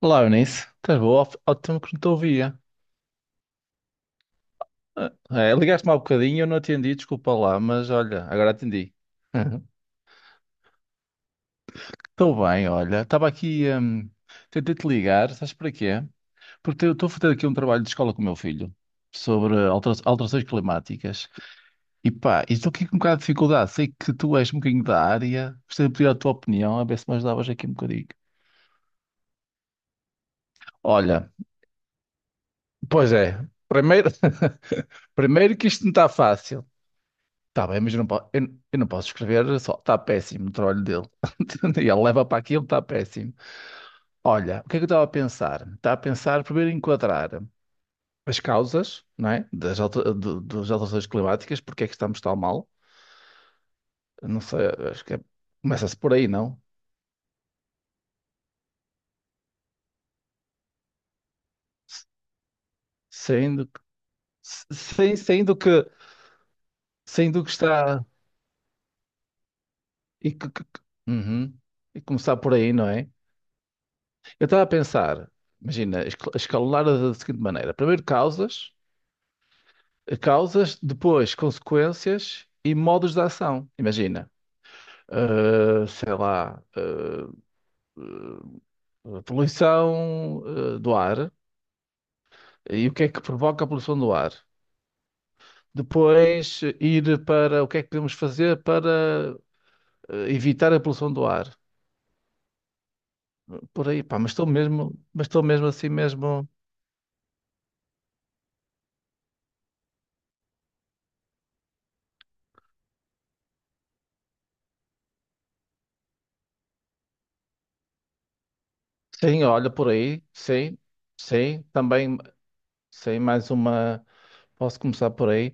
Olá, Eunice. Estás boa? Há tempo que não te ouvia. Ah, é, ligaste-me há bocadinho, eu não atendi, desculpa lá, mas olha, agora atendi. Uhum. Estou bem, olha. Estava aqui, tentei-te ligar, sabes para quê? Porque eu estou a fazer aqui um trabalho de escola com o meu filho sobre alterações climáticas. E pá, e estou aqui com um bocado de dificuldade. Sei que tu és um bocadinho da área, gostaria de pedir a tua opinião, a ver se me ajudavas aqui um bocadinho. Olha, pois é. Primeiro, primeiro que isto não está fácil. Tá bem, mas eu não, eu não posso escrever só. Está péssimo o trabalho dele. E ele leva para aquilo, está péssimo. Olha, o que é que eu estava a pensar? Estava a pensar primeiro em enquadrar as causas, não é? Das alterações climáticas, porque é que estamos tão mal? Eu não sei, acho que começa-se por aí, não? S- Sendo, que- se- sem- sendo que está. E, que, que- que- Uhum. E começar por aí, não é? Eu estava a pensar, imagina, escalonar da seguinte maneira: primeiro causas. Causas, depois consequências e modos de ação. Imagina, sei lá, poluição, do ar e o que é que provoca a poluição do ar. Depois ir para o que é que podemos fazer para evitar a poluição do ar. Por aí, pá, mas estou mesmo assim mesmo. Sim, olha, por aí, sim, sim, também, sim, mais uma. Posso começar por aí.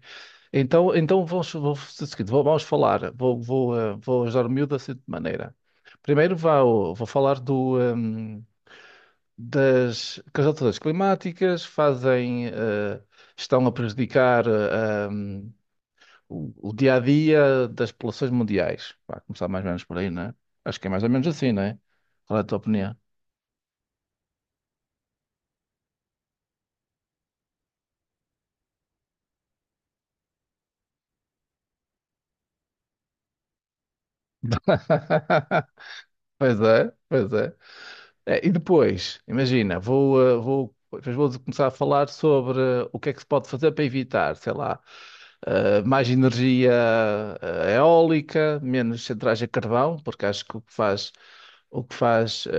Então vamos fazer o seguinte, vamos falar, vou ajudar o miúdo da seguinte maneira. Primeiro vou falar das, que as alterações climáticas fazem, estão a prejudicar o dia a dia das populações mundiais. Vai começar mais ou menos por aí, não é? Acho que é mais ou menos assim, não é? Qual é a tua opinião? Pois é, pois é. É, e depois, imagina, vou, depois vou começar a falar sobre o que é que se pode fazer para evitar, sei lá, mais energia eólica, menos centrais a carvão, porque acho que o que faz, o que faz eh,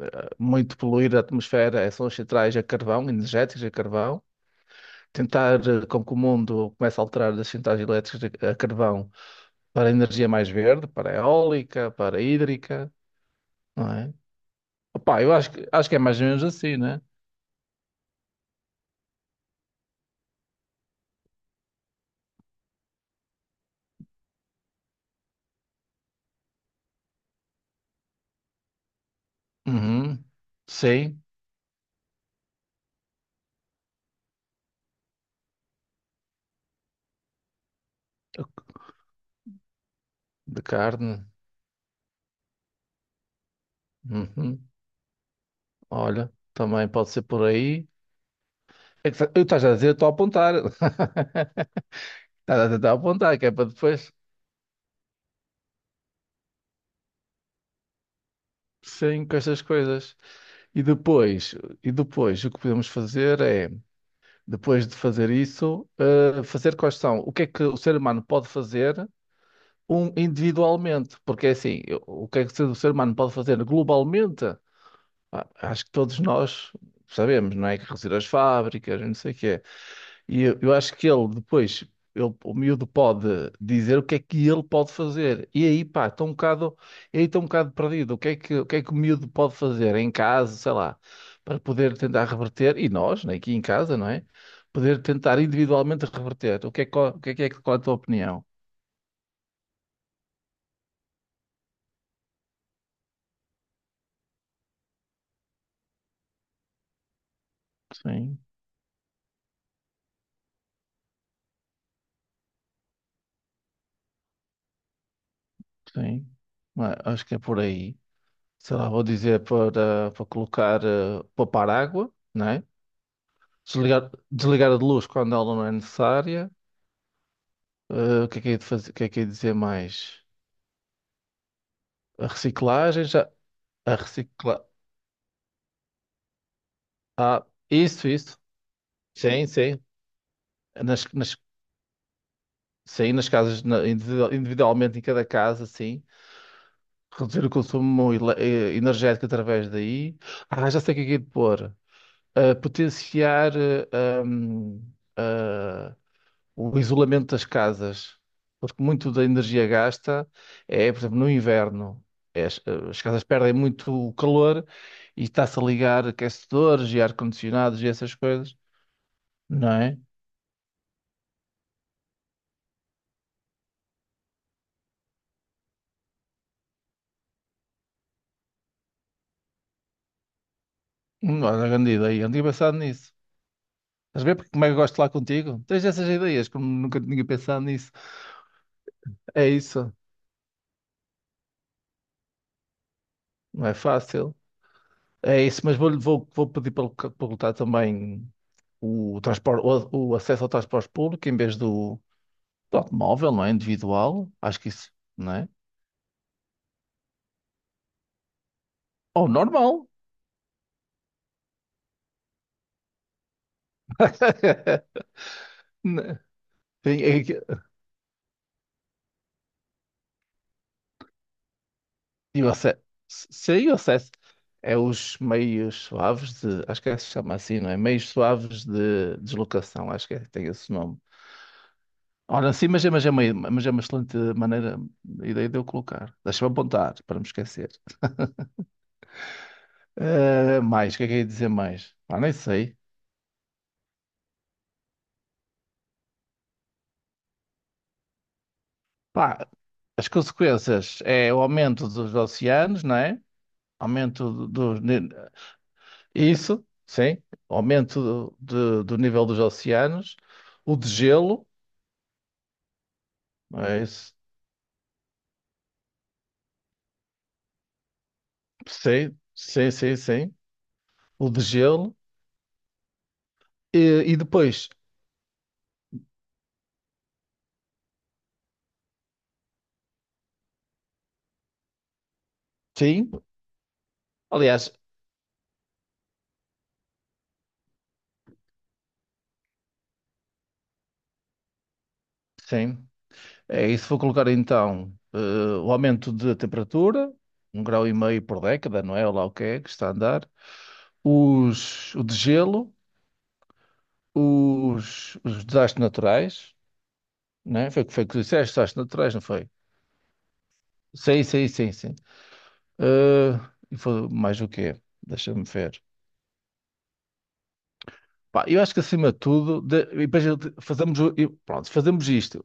muito poluir a atmosfera são as centrais a carvão, energéticas a carvão. Tentar com que o mundo comece a alterar das centrais elétricas a carvão para energia mais verde, para eólica, para hídrica, não é? Opa, eu acho que, é mais ou menos assim, né? Uhum. Sim, de carne. Uhum. Olha, também pode ser por aí. É que eu estás a dizer, estou a apontar. Estás a tentar apontar, que é para depois. Sim, com estas coisas. E depois, e depois, o que podemos fazer é, depois de fazer isso, fazer quais são, o que é que o ser humano pode fazer um, individualmente? Porque é assim, o que é que o ser humano pode fazer globalmente? Ah, acho que todos nós sabemos, não é? Que reduzir as fábricas, não sei o quê. E eu acho que ele o miúdo pode dizer o que é que ele pode fazer. E aí está um bocado perdido. O que é que o miúdo pode fazer em casa, sei lá, para poder tentar reverter, e nós, né, aqui em casa, não é? Poder tentar individualmente reverter. O que é- qual é a tua opinião? Sim, sim. Ah, acho que é por aí. Sei lá, vou dizer para colocar, poupar água, não é? Desligar a luz quando ela não é necessária. O que é de fazer, o que é de dizer mais? A reciclagem já, a recicla, ah, isso, sim, sim, nas, sim, nas casas, individualmente em cada casa, sim. Reduzir o consumo energético através daí. Ah, já sei o que é de pôr. Potenciar, hum, o isolamento das casas, porque muito da energia gasta é, por exemplo, no inverno, é as casas perdem muito o calor e está-se a ligar aquecedores e ar-condicionados e essas coisas, não é? Olha, grande ideia, não tinha pensado nisso. Estás a ver porque como é que eu gosto de lá contigo? Tens essas ideias, como nunca tinha pensado nisso. É isso, não é fácil. É isso, mas vou, vou pedir para, para lutar também o, transporte, o acesso ao transporte público em vez de automóvel, não é? Individual, acho que isso, não é? Ou normal. Né? E- e- e o acesso, sim, o acesso é os meios suaves de, acho que é, se chama assim, não é? Meios suaves de deslocação, acho que é, tem esse nome. Ora, sim, mas é, mas é uma excelente maneira, ideia de eu colocar. Deixa-me apontar, para me esquecer. Mais, o que é que eu ia dizer mais? Pá, nem sei. Pá, as consequências é o aumento dos oceanos, não é? Aumento do, ni- isso, sim, aumento do nível dos oceanos, o de gelo, é isso, sim, sim, sim, sim, o de gelo, e, e depois, sim, aliás, sim, é isso. Vou colocar então o aumento de temperatura, um grau e meio por década, não é? Ou lá o que é que está a andar, os, o de gelo, os desastres naturais, não é? Foi o que foi que tu disseste, desastres naturais, não foi? Sim, sim, sim, sim. Ah, e foi mais o quê? Deixa-me ver. Pá, eu acho que acima de tudo, e depois eu fazemos, e pronto, fazemos isto.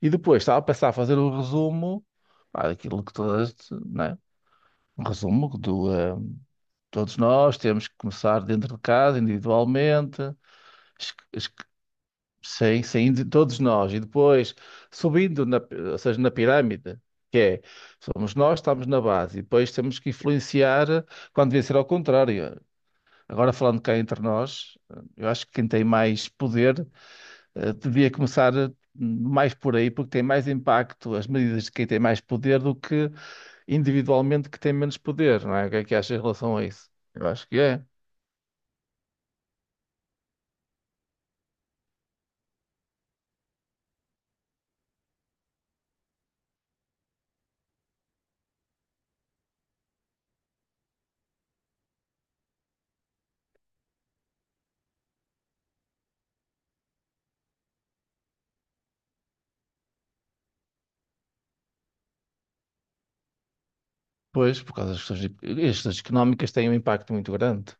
E depois estava a pensar a fazer o resumo, pá, daquilo que todas, né? Um resumo todos nós temos que começar dentro de casa, individualmente, es- es- sem, sem indi- todos nós. E depois subindo, ou seja, na pirâmide, que é, somos nós, estamos na base. E depois temos que influenciar, quando devia ser ao contrário. Agora falando cá entre nós, eu acho que quem tem mais poder, devia começar mais por aí, porque tem mais impacto as medidas de quem tem mais poder do que individualmente que tem menos poder, não é? O que é que achas em relação a isso? Eu acho que é. Pois, por causa das questões, as questões económicas têm um impacto muito grande.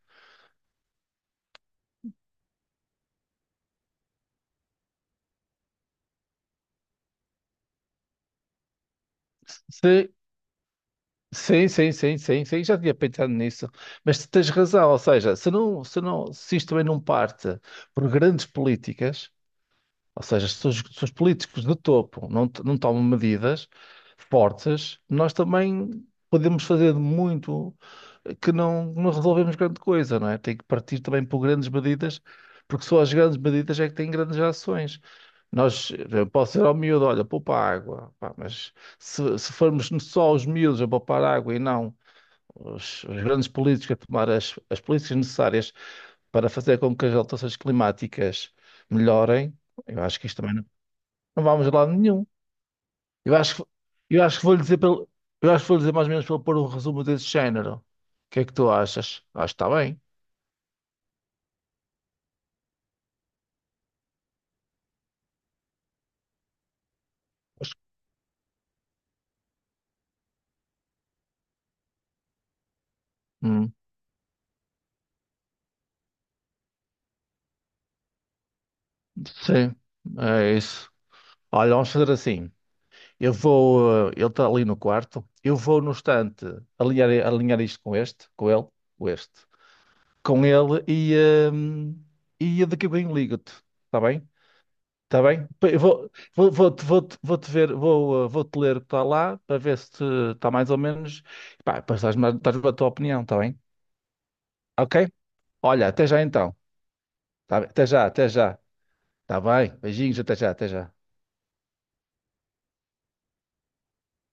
Se- Sim, sim, sim, sim, sim, já tinha pensado nisso. Mas tu tens razão, ou seja, se não, se isto também não parte por grandes políticas. Ou seja, se os políticos de topo não tomam medidas fortes, nós também podemos fazer de muito que não resolvemos grande coisa, não é? Tem que partir também por grandes medidas, porque só as grandes medidas é que têm grandes ações. Nós, eu posso dizer ao miúdo, olha, poupa água, pá, mas se formos só os miúdos a poupar água e não os grandes políticos a tomar as políticas necessárias para fazer com que as alterações climáticas melhorem, eu acho que isto também não vamos a lado nenhum. Eu acho que, eu acho que vou lhe Eu acho que vou lhe dizer mais ou menos para ele pôr um resumo desse género. O que é que tu achas? Acho que está bem. Hum, sim, é isso. Olha, vamos fazer assim. Ele está ali no quarto. Eu vou no estante alinhar isto com este, com ele, com este, com ele hum, e daqui a bem ligo-te. Está bem? Está bem? Eu vou-te ver, vou-te ler o que está lá para ver se está mais ou menos. Pá, depois estás-me a dás-me a tua opinião, está bem? Ok? Olha, até já então. Tá bem? Até já, até já. Está bem? Beijinhos, até já, até já.